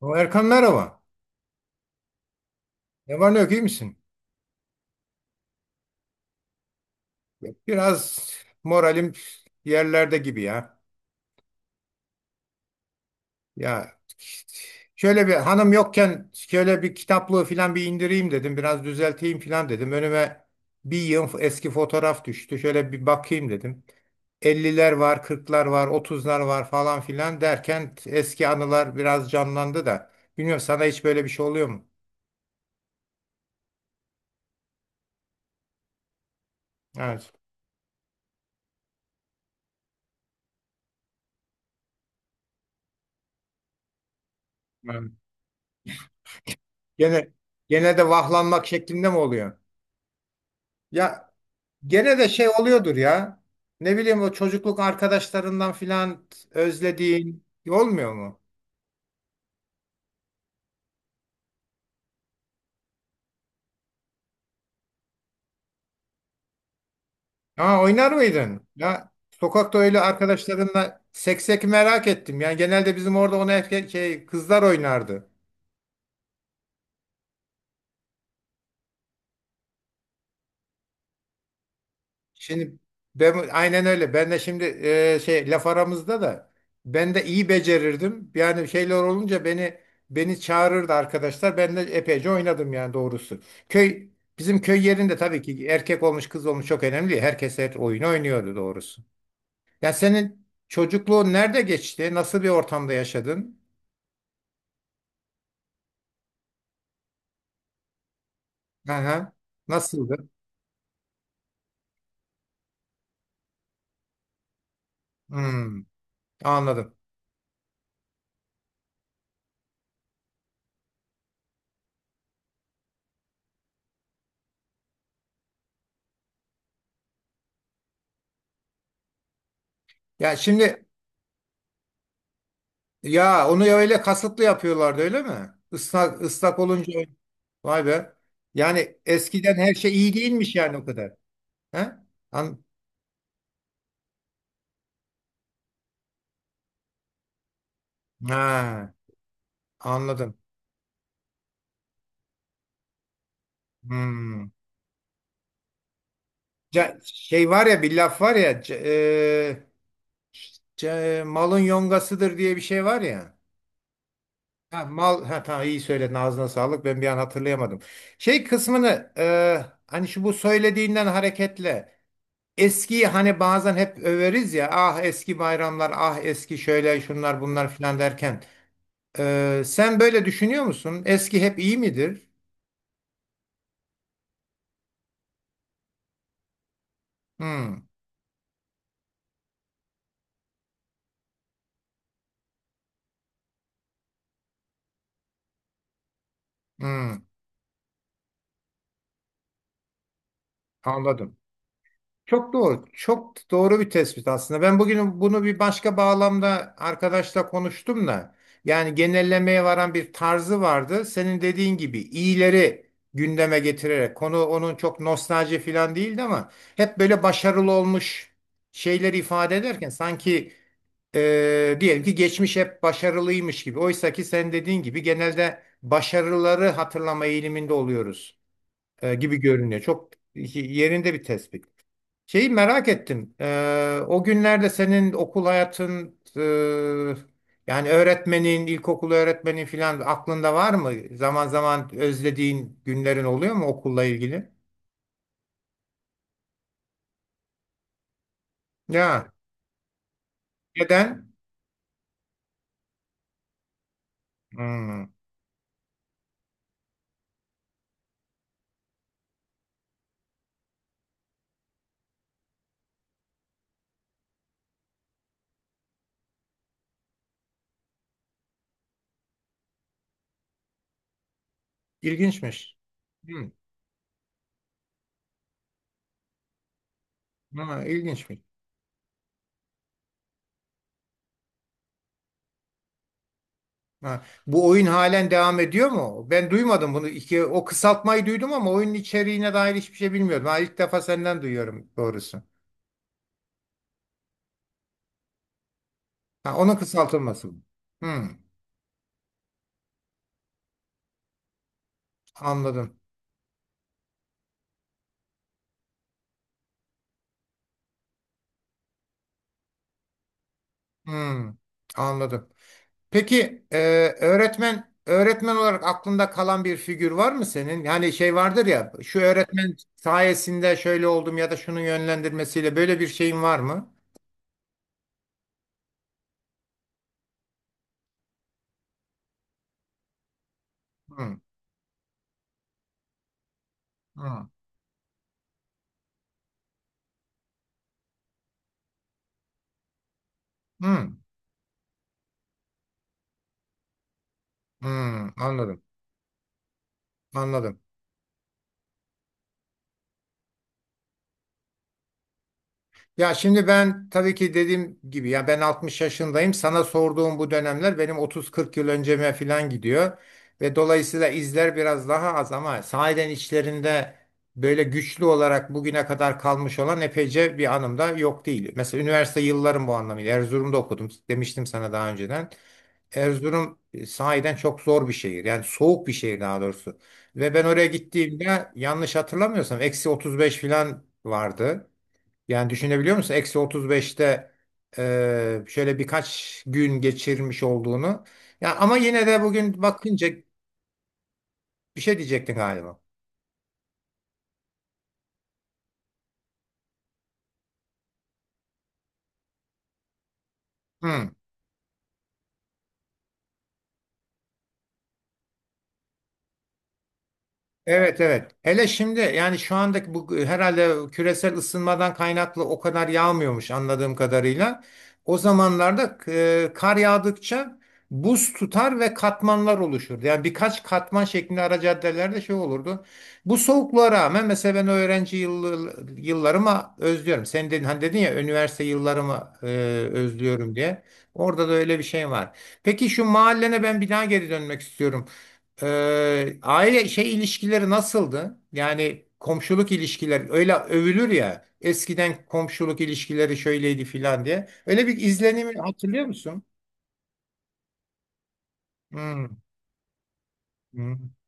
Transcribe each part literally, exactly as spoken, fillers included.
O Erkan, merhaba. Ne var ne yok, iyi misin? Biraz moralim yerlerde gibi ya. Ya şöyle bir hanım yokken şöyle bir kitaplığı falan bir indireyim dedim. Biraz düzelteyim falan dedim. Önüme bir yığın eski fotoğraf düştü. Şöyle bir bakayım dedim. Elliler var, kırklar var, otuzlar var falan filan derken eski anılar biraz canlandı da. Bilmiyorum sana hiç böyle bir şey oluyor mu? Evet. Evet. Gene, gene de vahlanmak şeklinde mi oluyor? Ya, gene de şey oluyordur ya. Ne bileyim, o çocukluk arkadaşlarından filan özlediğin olmuyor mu? Ha, oynar mıydın? Ya, sokakta öyle arkadaşlarınla seksek, merak ettim. Yani genelde bizim orada onu erkek şey kızlar oynardı. Şimdi ben aynen öyle. Ben de şimdi e, şey laf aramızda da ben de iyi becerirdim. Yani şeyler olunca beni beni çağırırdı arkadaşlar. Ben de epeyce oynadım yani doğrusu. Köy bizim köy yerinde tabii ki erkek olmuş kız olmuş çok önemli değil. Herkes her oyunu oynuyordu doğrusu. Ya senin çocukluğun nerede geçti? Nasıl bir ortamda yaşadın? Aha, nasıldı? Hmm, anladım. Ya şimdi, ya onu ya, öyle kasıtlı yapıyorlardı öyle mi? Islak, ıslak olunca öyle. Vay be. Yani eskiden her şey iyi değilmiş yani o kadar. He? An ha, anladım. Hmm. Ca- şey var ya, bir laf var ya, ca- e, ca- malın yongasıdır diye bir şey var ya. Ha, mal, ha, tamam, iyi söyledin, ağzına sağlık, ben bir an hatırlayamadım. Şey kısmını, e, hani şu bu söylediğinden hareketle, eskiyi hani bazen hep överiz ya, ah eski bayramlar, ah eski şöyle şunlar bunlar filan derken, Ee, sen böyle düşünüyor musun? Eski hep iyi midir? Hmm, hmm, anladım. Çok doğru. Çok doğru bir tespit aslında. Ben bugün bunu bir başka bağlamda arkadaşla konuştum da yani genellemeye varan bir tarzı vardı. Senin dediğin gibi iyileri gündeme getirerek, konu onun çok nostalji falan değildi ama hep böyle başarılı olmuş şeyleri ifade ederken sanki e, diyelim ki geçmiş hep başarılıymış gibi. Oysa ki sen dediğin gibi genelde başarıları hatırlama eğiliminde oluyoruz e, gibi görünüyor. Çok yerinde bir tespit. Şeyi merak ettim. Ee, o günlerde senin okul hayatın, e, yani öğretmenin, ilkokul öğretmenin filan aklında var mı? Zaman zaman özlediğin günlerin oluyor mu okulla ilgili? Ya neden? Hmm, ilginçmiş. Hmm, ha, ilginçmiş. Ha, bu oyun halen devam ediyor mu? Ben duymadım bunu. İki, o kısaltmayı duydum ama oyunun içeriğine dair hiçbir şey bilmiyordum. Ha, ilk defa senden duyuyorum doğrusu. Ha, onun kısaltılması. Hmm, anladım. Hmm, anladım. Peki e, öğretmen öğretmen olarak aklında kalan bir figür var mı senin? Yani şey vardır ya, şu öğretmen sayesinde şöyle oldum ya da şunun yönlendirmesiyle, böyle bir şeyin var mı? Hmm, hmm, hmm, hmm, anladım. Anladım. Ya şimdi, ben tabii ki dediğim gibi ya, ben altmış yaşındayım. Sana sorduğum bu dönemler benim otuz, kırk yıl önceme falan gidiyor. Ve dolayısıyla izler biraz daha az ama sahiden içlerinde böyle güçlü olarak bugüne kadar kalmış olan epeyce bir anım da yok değil. Mesela üniversite yıllarım bu anlamıyla. Erzurum'da okudum demiştim sana daha önceden. Erzurum e, sahiden çok zor bir şehir. Yani soğuk bir şehir daha doğrusu. Ve ben oraya gittiğimde, yanlış hatırlamıyorsam, eksi otuz beş falan vardı. Yani düşünebiliyor musun? Eksi otuz beşte e, şöyle birkaç gün geçirmiş olduğunu. Ya ama yine de bugün bakınca, bir şey diyecektin galiba. Hı. Evet, evet. Hele şimdi yani, şu andaki bu herhalde küresel ısınmadan kaynaklı o kadar yağmıyormuş anladığım kadarıyla. O zamanlarda e, kar yağdıkça buz tutar ve katmanlar oluşurdu. Yani birkaç katman şeklinde ara caddelerde şey olurdu. Bu soğukluğa rağmen mesela ben öğrenci yıllı, yıllarımı özlüyorum. Sen dedin hani, dedin ya üniversite yıllarımı e, özlüyorum diye. Orada da öyle bir şey var. Peki şu mahallene ben bir daha geri dönmek istiyorum. Ee, aile şey ilişkileri nasıldı? Yani komşuluk ilişkileri, öyle övülür ya, eskiden komşuluk ilişkileri şöyleydi filan diye. Öyle bir izlenimi hatırlıyor musun? Hmm, hmm.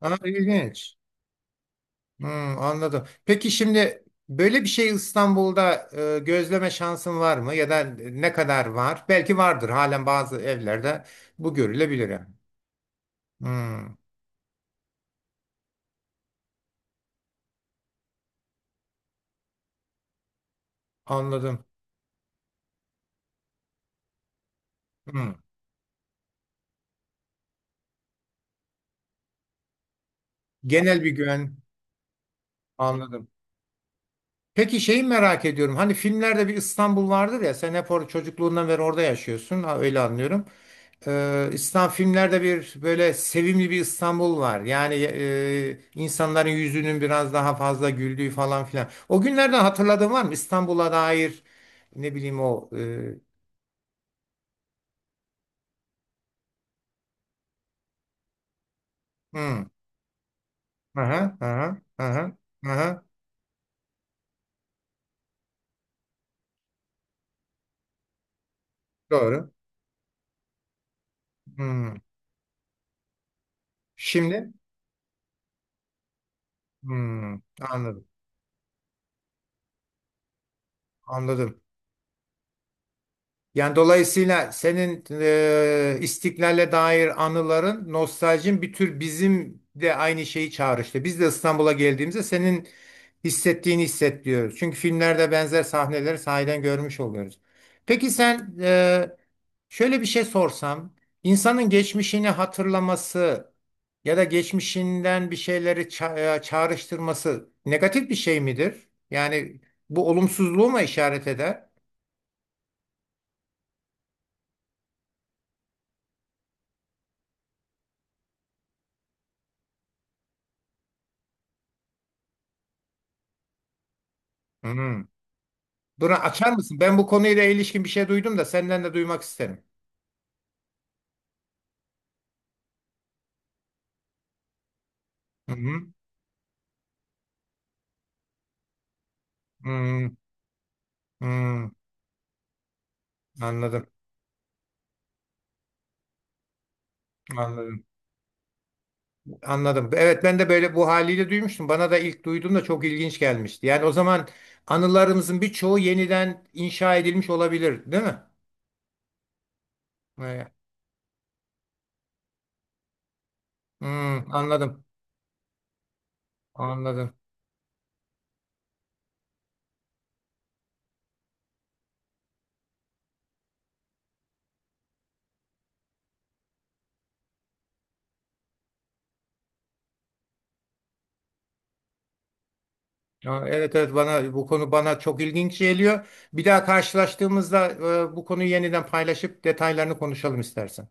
Aa, ilginç. Hmm, anladım. Peki şimdi böyle bir şey İstanbul'da e, gözleme şansın var mı? Ya da ne kadar var? Belki vardır, halen bazı evlerde bu görülebilir yani. Hmm, anladım. Hmm. Genel bir güven, anladım. Peki şeyi merak ediyorum. Hani filmlerde bir İstanbul vardır ya, sen hep orada çocukluğundan beri orada yaşıyorsun. Ha, öyle anlıyorum. Ee, İslam filmlerde bir böyle sevimli bir İstanbul var. Yani e, insanların yüzünün biraz daha fazla güldüğü falan filan. O günlerden hatırladığın var mı? İstanbul'a dair ne bileyim o. E, hmm, aha, aha, aha, aha, doğru. Hmm. Şimdi, hmm, anladım. Anladım. Yani dolayısıyla senin e, İstiklal'e dair anıların, nostaljin bir tür bizim de aynı şeyi çağrıştı. İşte biz de İstanbul'a geldiğimizde senin hissettiğini hisset diyoruz. Çünkü filmlerde benzer sahneleri sahiden görmüş oluyoruz. Peki sen, e, şöyle bir şey sorsam, insanın geçmişini hatırlaması ya da geçmişinden bir şeyleri ça- e, çağrıştırması negatif bir şey midir? Yani bu olumsuzluğu mu işaret eder? Duran, açar mısın? Ben bu konuyla ilişkin bir şey duydum da senden de duymak isterim. Hı hı. Hmm, hmm. Anladım. Anladım. Anladım. Evet, ben de böyle bu haliyle duymuştum. Bana da ilk duyduğumda çok ilginç gelmişti. Yani o zaman, anılarımızın birçoğu yeniden inşa edilmiş olabilir, değil mi? Evet. Hmm, anladım. Anladım. Ya, evet, evet, bana bu konu bana çok ilginç geliyor. Bir daha karşılaştığımızda e, bu konuyu yeniden paylaşıp detaylarını konuşalım istersen.